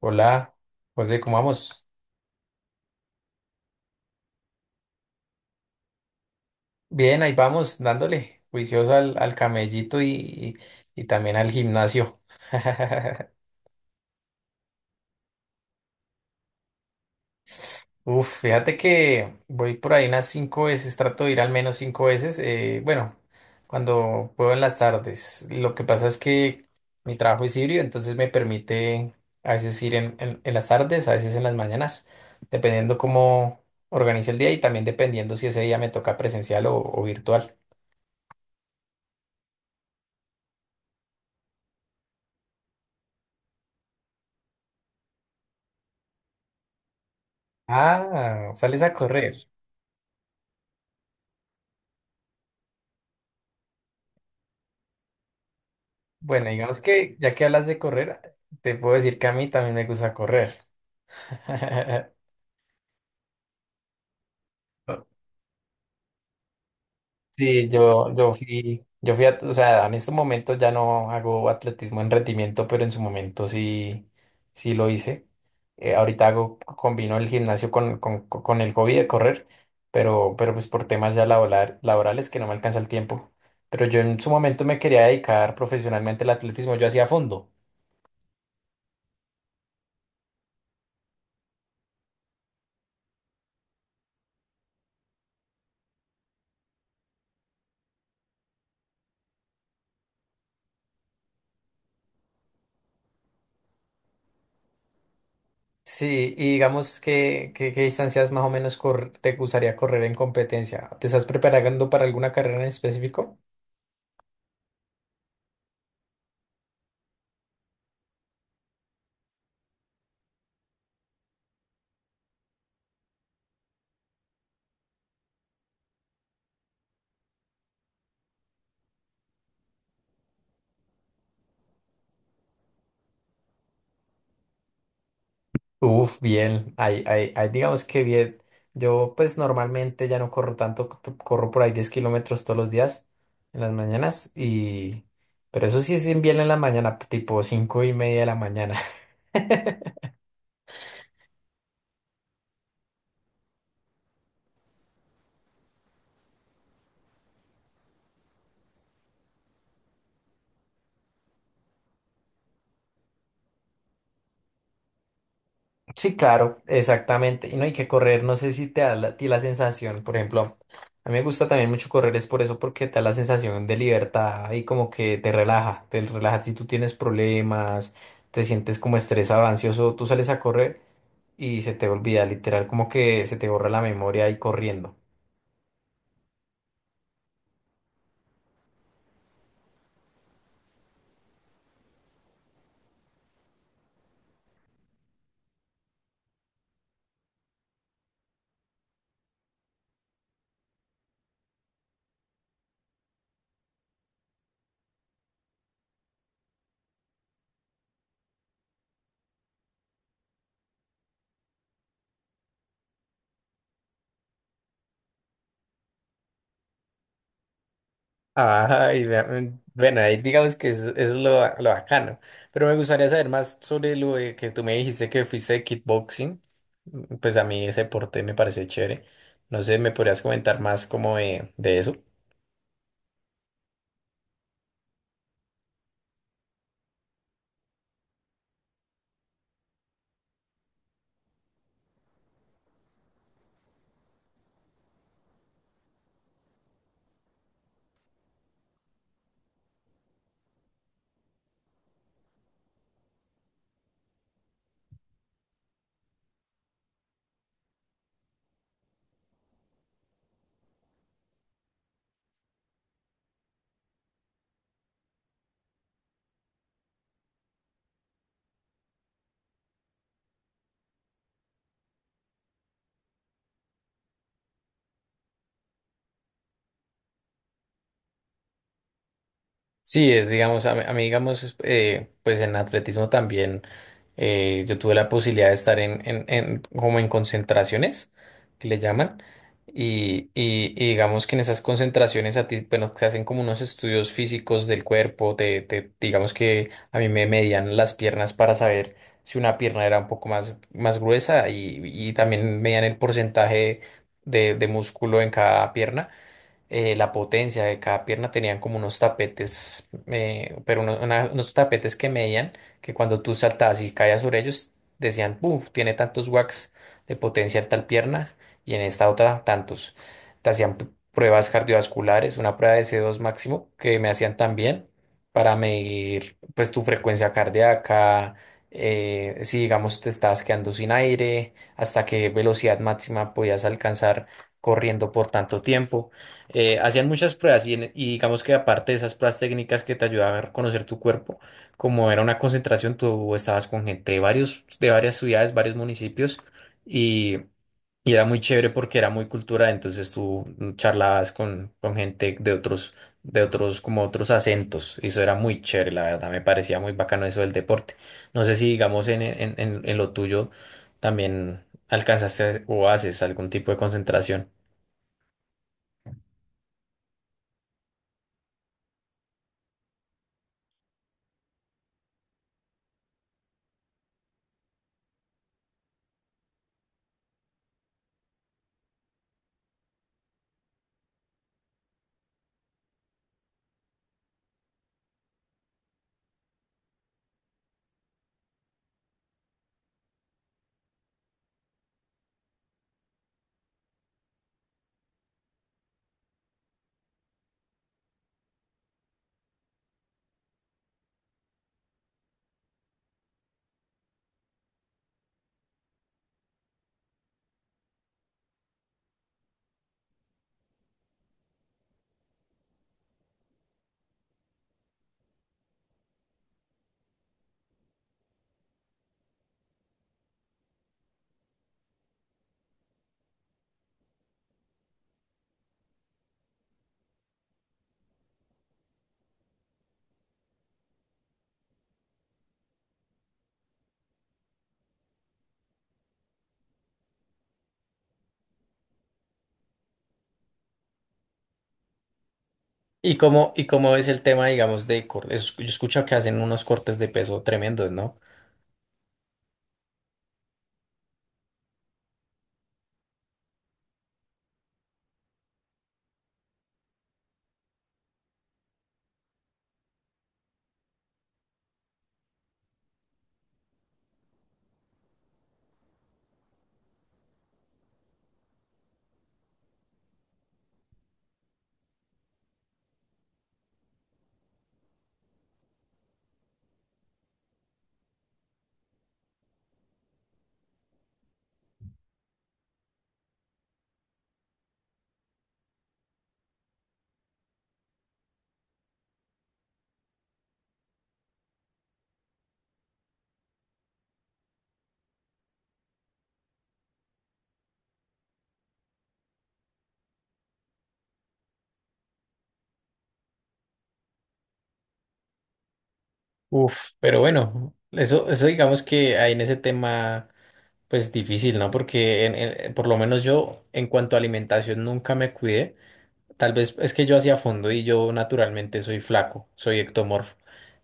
Hola, José, ¿cómo vamos? Bien, ahí vamos, dándole juicioso al camellito y, también al gimnasio. Uf, fíjate que voy por ahí unas cinco veces, trato de ir al menos cinco veces, bueno, cuando puedo en las tardes. Lo que pasa es que mi trabajo es híbrido, entonces me permite a veces ir en las tardes, a veces en las mañanas, dependiendo cómo organice el día y también dependiendo si ese día me toca presencial o virtual. Ah, sales a correr. Bueno, digamos que ya que hablas de correr, te puedo decir que a mí también me gusta correr. Sí, o sea, en este momento ya no hago atletismo en rendimiento, pero en su momento sí, sí lo hice. Ahorita combino el gimnasio con el hobby de correr, pero pues por temas ya laborales que no me alcanza el tiempo. Pero yo en su momento me quería dedicar profesionalmente al atletismo, yo hacía fondo. Sí, y digamos qué distancias más o menos te gustaría correr en competencia. ¿Te estás preparando para alguna carrera en específico? Uf, bien, ahí digamos que bien. Yo pues normalmente ya no corro tanto, corro por ahí 10 kilómetros todos los días en las mañanas y. Pero eso sí es bien en la mañana, tipo 5:30 de la mañana. Sí, claro, exactamente. Y no hay que correr, no sé si te da a ti la sensación, por ejemplo, a mí me gusta también mucho correr, es por eso, porque te da la sensación de libertad y como que te relaja si tú tienes problemas, te sientes como estresado, ansioso, tú sales a correr y se te olvida, literal, como que se te borra la memoria y corriendo. Ay, vea, bueno, ahí digamos que es lo bacano. Pero me gustaría saber más sobre lo de que tú me dijiste que fuiste de kickboxing. Pues a mí ese deporte me parece chévere. No sé, ¿me podrías comentar más como de eso? Sí, es, digamos, a mí, digamos, pues en atletismo también yo tuve la posibilidad de estar en como en concentraciones, que le llaman, y digamos que en esas concentraciones a ti, bueno, se hacen como unos estudios físicos del cuerpo, digamos que a mí me medían las piernas para saber si una pierna era un poco más gruesa y también medían el porcentaje de músculo en cada pierna, la potencia de cada pierna tenían como unos tapetes, pero unos tapetes que medían que cuando tú saltabas y caías sobre ellos, decían, uff, tiene tantos watts de potencia en tal pierna y en esta otra tantos. Te hacían pruebas cardiovasculares, una prueba de C2 máximo que me hacían también para medir pues tu frecuencia cardíaca. Si digamos te estabas quedando sin aire, hasta qué velocidad máxima podías alcanzar corriendo por tanto tiempo. Hacían muchas pruebas y digamos que aparte de esas pruebas técnicas que te ayudaban a conocer tu cuerpo, como era una concentración, tú estabas con gente de varios, de varias ciudades, varios municipios, y, y era muy chévere porque era muy cultural, entonces tú charlabas con gente de otros, como otros acentos, y eso era muy chévere, la verdad, me parecía muy bacano eso del deporte. No sé si digamos en lo tuyo también alcanzaste o haces algún tipo de concentración. ¿Y cómo es el tema, digamos, de cortes? Yo escucho que hacen unos cortes de peso tremendos, ¿no? Uf, pero bueno, eso digamos que hay en ese tema, pues difícil, ¿no? Porque por lo menos yo, en cuanto a alimentación, nunca me cuidé. Tal vez es que yo hacía fondo y yo naturalmente soy flaco, soy ectomorfo.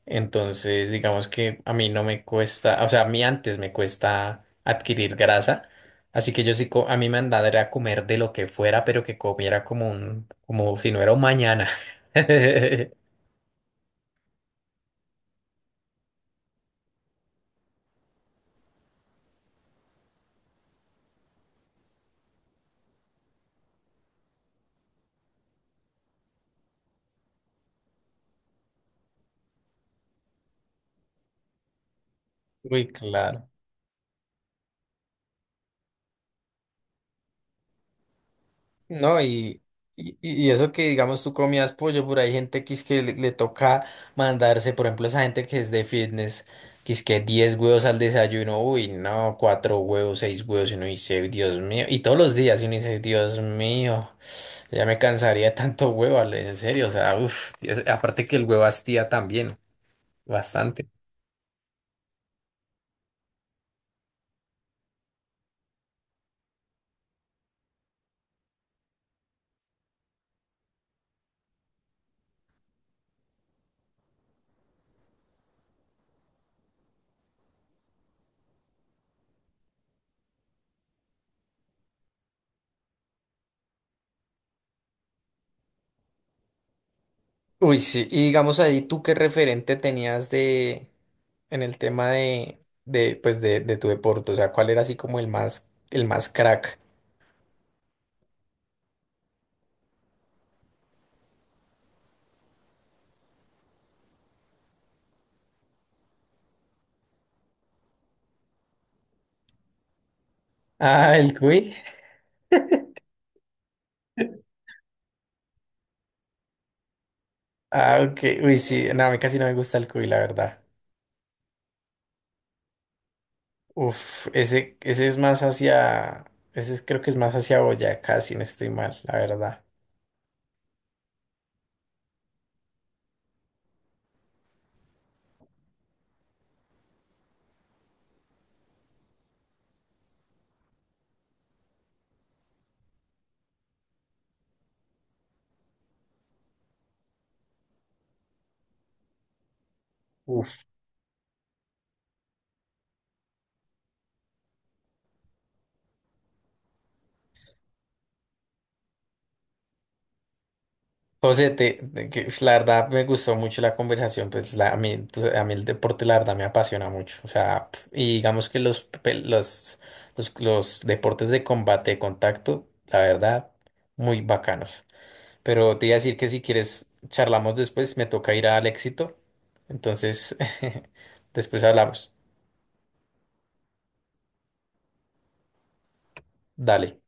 Entonces, digamos que a mí no me cuesta, o sea, a mí antes me cuesta adquirir grasa. Así que yo sí, a mí me andaba era comer de lo que fuera, pero que comiera como si no era un mañana. Uy, claro. No, y eso que digamos tú comías pollo, por ahí gente que es que le toca mandarse, por ejemplo, esa gente que es de fitness, que es que 10 huevos al desayuno, uy, no, cuatro huevos, seis huevos, y uno dice, Dios mío, y todos los días, y uno dice, Dios mío, ya me cansaría de tanto huevo, Ale, en serio, o sea, uff, aparte que el huevo hastía también, bastante. Uy, sí, y digamos ahí, ¿tú qué referente tenías de en el tema de tu deporte? O sea, ¿cuál era así como el más, crack? Ah, el cuy. Ah, ok. Uy, sí, no, a mí casi no me gusta el cuy, la verdad. Uf, ese es más hacia, ese es- creo que es más hacia Boyacá, si no estoy mal, la verdad. Uf. José, pues, la verdad me gustó mucho la conversación, pues la, a mí, tú sa- a mí el deporte la verdad me apasiona mucho, o sea, pf, y digamos que los, pe- los deportes de combate, de contacto, la verdad, muy bacanos. Pero te iba a decir que si quieres charlamos después, me toca ir al éxito, entonces después hablamos. Dale.